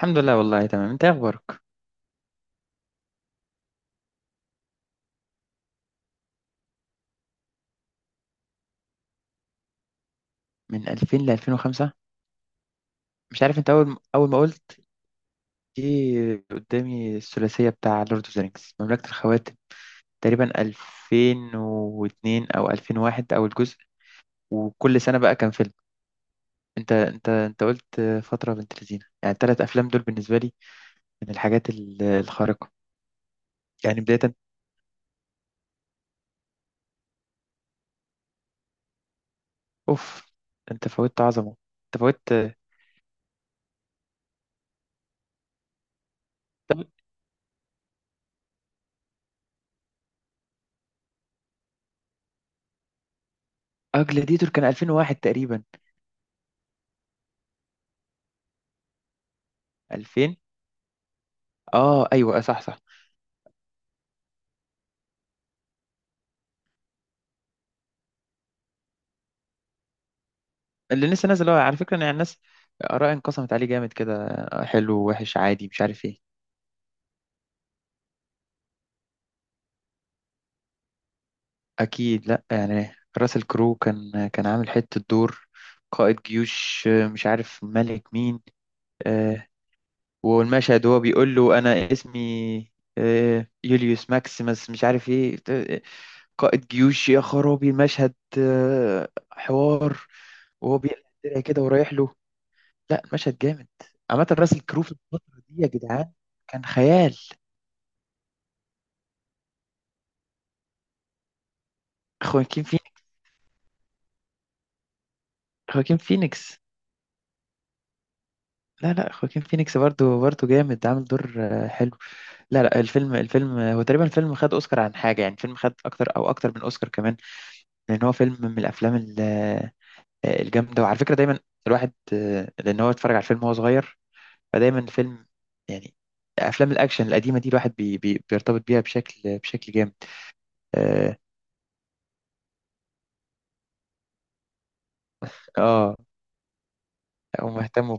الحمد لله والله تمام. انت ايه اخبارك؟ من 2000 ل 2005؟ مش عارف. انت اول اول ما قلت جه قدامي الثلاثيه بتاع لورد اوف ذا رينجز، مملكه الخواتم، تقريبا 2002 او 2001 اول جزء. وكل سنه بقى كان فيلم. انت قلت فتره بنت لذينه. يعني الثلاث افلام دول بالنسبه لي من الحاجات الخارقه. يعني بدايه اوف، انت فوتت عظمه. انت فوتت. طب. اه، جلاديتور كان 2001 تقريبا. 2000. اه، ايوه صح صح. اللي لسه نازل هو على فكرة، يعني الناس آراء انقسمت عليه جامد كده، حلو وحش عادي مش عارف ايه. أكيد لأ. يعني راسل كرو كان عامل حتة دور، قائد جيوش مش عارف ملك مين. آه، والمشهد هو بيقول له: أنا اسمي يوليوس ماكسيمس مش عارف ايه، قائد جيوش. يا خرابي المشهد! حوار. وهو بيقلع الدرع كده ورايح له. لأ، المشهد جامد. عامة راسل كرو في الفترة دي يا جدعان كان خيال. خواكين فينيكس. خواكين فينيكس. لا لا، خواكين فينيكس برضو. برضو جامد عامل دور، حلو. لا لا، الفيلم هو تقريبا الفيلم خد اوسكار عن حاجه، يعني الفيلم خد اكتر او اكتر من اوسكار كمان. لان هو فيلم من الافلام الجامده. وعلى فكره دايما الواحد، لان هو اتفرج على الفيلم وهو صغير، فدايما الفيلم، يعني افلام الاكشن القديمه دي الواحد بي بي بيرتبط بيها بشكل جامد. اه آه، هم اهتموا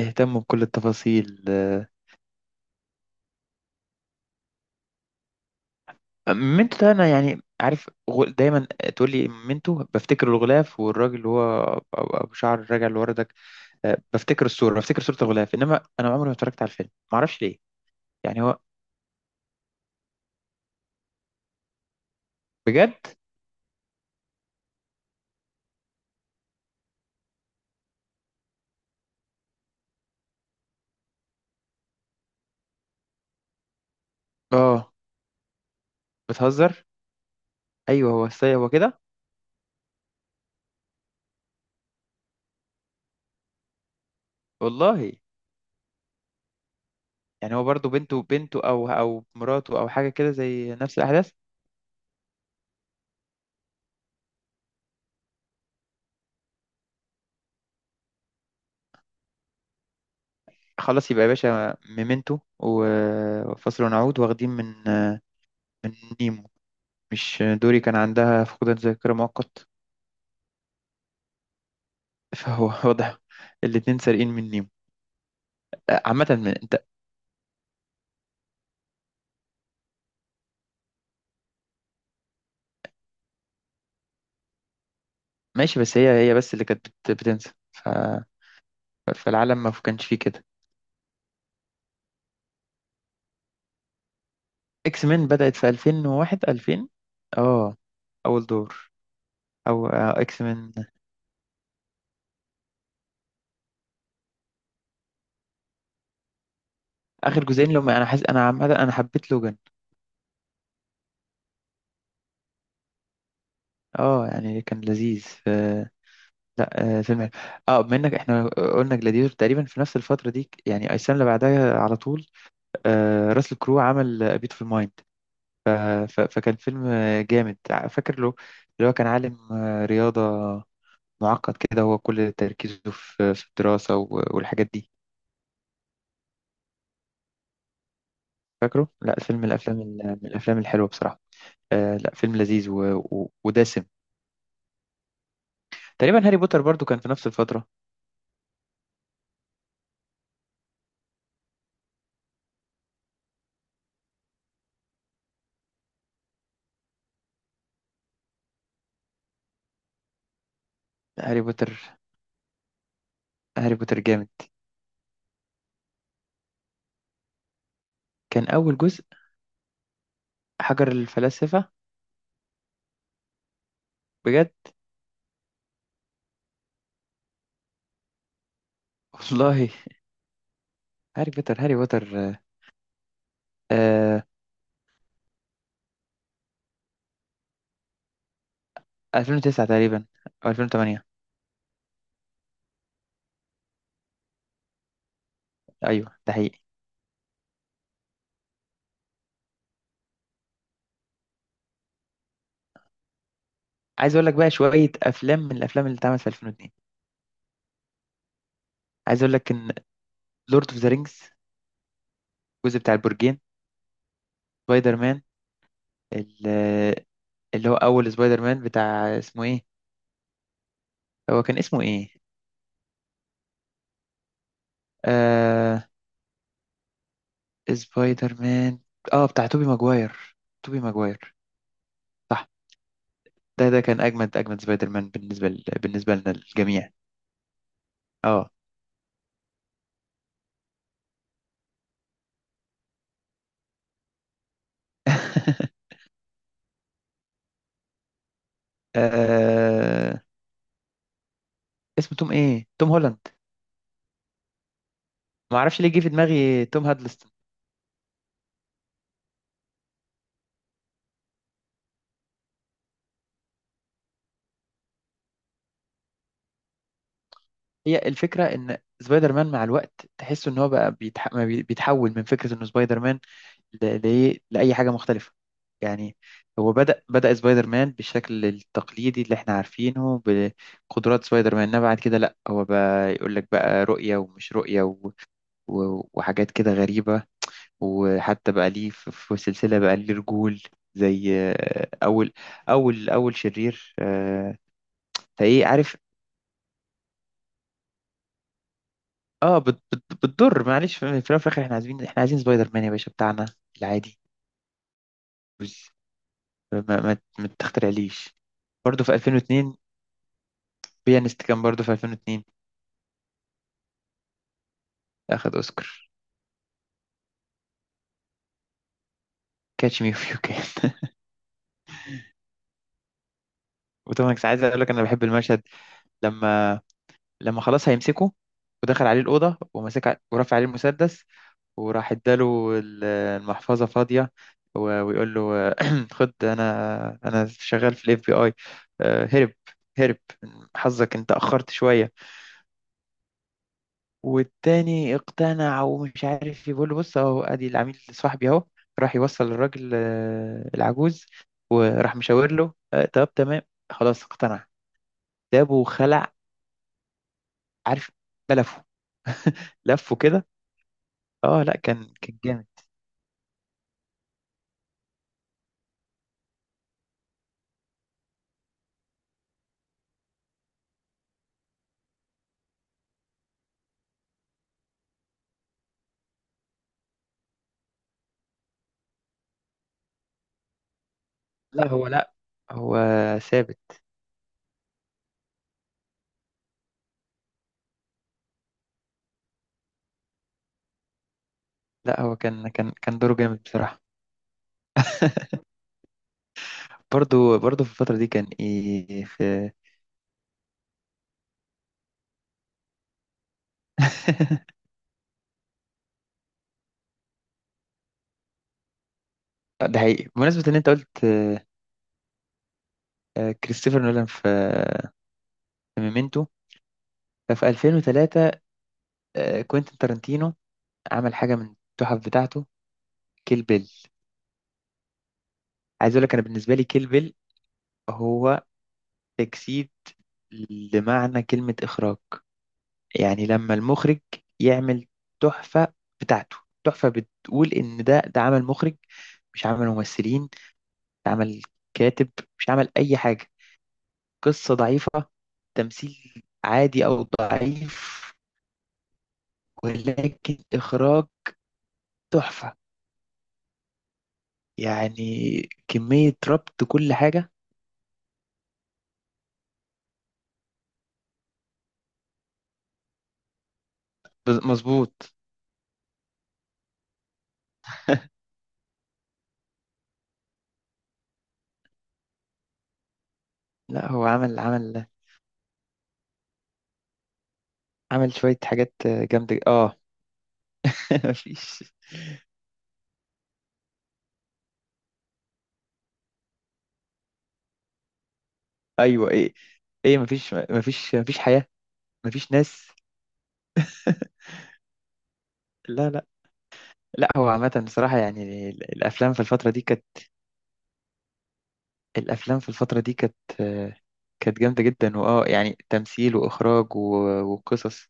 اهتموا بكل التفاصيل. مينتو ده انا يعني عارف، دايما تقول لي مينتو بفتكر الغلاف والراجل اللي هو أبو شعر راجع لورا ده. بفتكر الصورة، بفتكر صورة الغلاف، إنما أنا عمري ما اتفرجت على الفيلم، معرفش ليه. يعني هو بجد. آه. بتهزر. أيوه، هو السيد هو كده. والله. يعني هو برضو بنته أو مراته أو حاجة كده، زي نفس الأحداث. خلاص، يبقى يا باشا ميمنتو وفصل ونعود واخدين من، من نيمو. مش دوري كان عندها فقدان ذاكرة مؤقت؟ فهو واضح الاتنين سارقين مني. عامة انت ماشي. بس هي بس اللي كانت بتنسى. ف... فالعالم ما كانش فيه كده. اكس مين بدأت في 2001، 2000. اه، اول دور. او اكس مين. اخر جزئين، لما انا حاسس، انا عامة انا حبيت لوجان. اه يعني كان لذيذ. ف... لا، فيلم حلو. اه، بما انك احنا قلنا جلاديتور تقريبا في نفس الفترة دي، يعني السنة اللي بعدها على طول، راسل كرو عمل بيت في الماين. ف... ف... فكان فيلم جامد، فاكر له، اللي هو كان عالم رياضة معقد كده، هو كل تركيزه في الدراسة والحاجات دي. فاكره؟ لا، فيلم من الأفلام، من الأفلام الحلوة بصراحة. آه، لا فيلم لذيذ و... و... ودسم. تقريبا هاري بوتر برضو كان في نفس الفترة. هاري بوتر. هاري بوتر جامد. كان أول جزء حجر الفلاسفة. بجد. والله. هاري بوتر، هاري بوتر. آه. آه، 2009 تقريبا أو 2008. أيوه، ده حقيقي. عايز اقول لك بقى شويه افلام من الافلام اللي اتعملت في 2002. عايز اقول لك ان لورد اوف ذا رينجز، الجزء بتاع البرجين، سبايدر مان، ال- اللي هو اول سبايدر مان بتاع اسمه ايه. هو كان اسمه ايه؟ آه، سبايدر مان، اه بتاع توبي ماجواير. توبي ماجواير. صح. ده كان اجمد، اجمد سبايدر مان بالنسبه بالنسبه لنا الجميع. اه. آه، اسمه توم ايه؟ توم هولاند. ما اعرفش ليه جه في دماغي توم هادلست. هي الفكرة إن سبايدر مان مع الوقت تحس إن هو بقى بيتح... ما بي- بيتحول من فكرة إنه سبايدر مان لأي حاجة مختلفة. يعني هو بدأ سبايدر مان بالشكل التقليدي اللي إحنا عارفينه، بقدرات سبايدر مان. إنما بعد كده لأ، هو بقى يقول لك بقى رؤية ومش رؤية وحاجات كده غريبة. وحتى بقى ليه في سلسلة بقى ليه رجول زي، أول شرير، فإيه عارف. اه بت بت بتضر، معلش. في الأول وفي الاخر احنا عايزين سبايدر مان يا باشا بتاعنا العادي. بس ما تخترعليش. برضه في 2002 بيانست كان برضه في 2002. اخد اوسكار. كاتش مي فيو كان. وطبعا كنت عايز اقول لك انا بحب المشهد، لما لما خلاص هيمسكه، ودخل عليه الاوضه ومسك، ورفع عليه المسدس، وراح اداله المحفظه فاضيه، ويقول له: خد، انا، انا شغال في الاف بي اي. هرب، هرب، حظك انت اخرت شويه. والتاني اقتنع ومش عارف، يقول له: بص اهو، ادي العميل صاحبي اهو. راح يوصل للراجل، العجوز، وراح مشاور له، طب تمام. خلاص اقتنع. جابه وخلع، عارف، لفه، لفه كده. اه، لا كان جامد. لا هو، لا هو ثابت. لا هو كان كان كان دوره جامد بصراحة. برضو برضو في الفترة دي كان ايه في. ده حقيقي. بمناسبة ان انت قلت، كريستوفر نولان في، في ميمنتو، ففي 2003 كوينتين تارانتينو عمل حاجة من التحف بتاعته: كيل بيل. عايز أقول لك أنا بالنسبة لي كيل بيل هو تجسيد لمعنى كلمة إخراج. يعني لما المخرج يعمل تحفة بتاعته، تحفة بتقول إن ده عمل مخرج، مش عمل ممثلين. ده عمل كاتب، مش عمل أي حاجة. قصة ضعيفة، تمثيل عادي أو ضعيف، ولكن إخراج تحفة. يعني كمية ربط كل حاجة. مظبوط. لا هو عمل شوية حاجات جامدة. اه. مفيش. ايوه ايه ايه. مفيش حياة. مفيش ناس. لا لا. لا هو عامة بصراحة، يعني الأفلام في الفترة دي كانت، الأفلام في الفترة دي كانت، كانت جامدة جدا. واه يعني تمثيل وإخراج وقصص.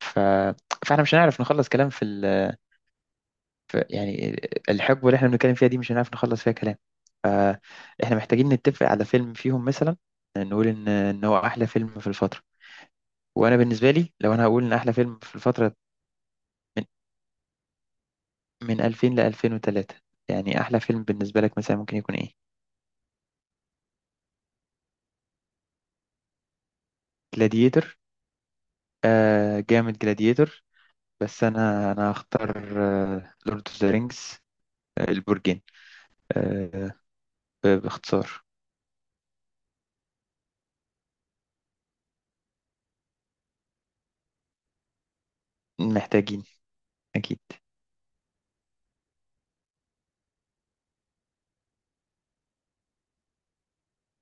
ف... فاحنا مش هنعرف نخلص كلام ف يعني الحقبة اللي احنا بنتكلم فيها دي مش هنعرف نخلص فيها كلام. فاحنا محتاجين نتفق على فيلم فيهم مثلا، نقول ان هو احلى فيلم في الفترة. وانا بالنسبة لي، لو انا هقول ان احلى فيلم في الفترة من 2000 ل 2003، يعني احلى فيلم بالنسبة لك مثلا ممكن يكون ايه؟ جلاديتور. آه جامد جلاديتور. بس انا، هختار لورد اوف ذا رينجز، البرجين. آه، باختصار، محتاجين. اكيد.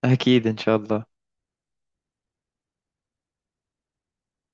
اكيد ان شاء الله.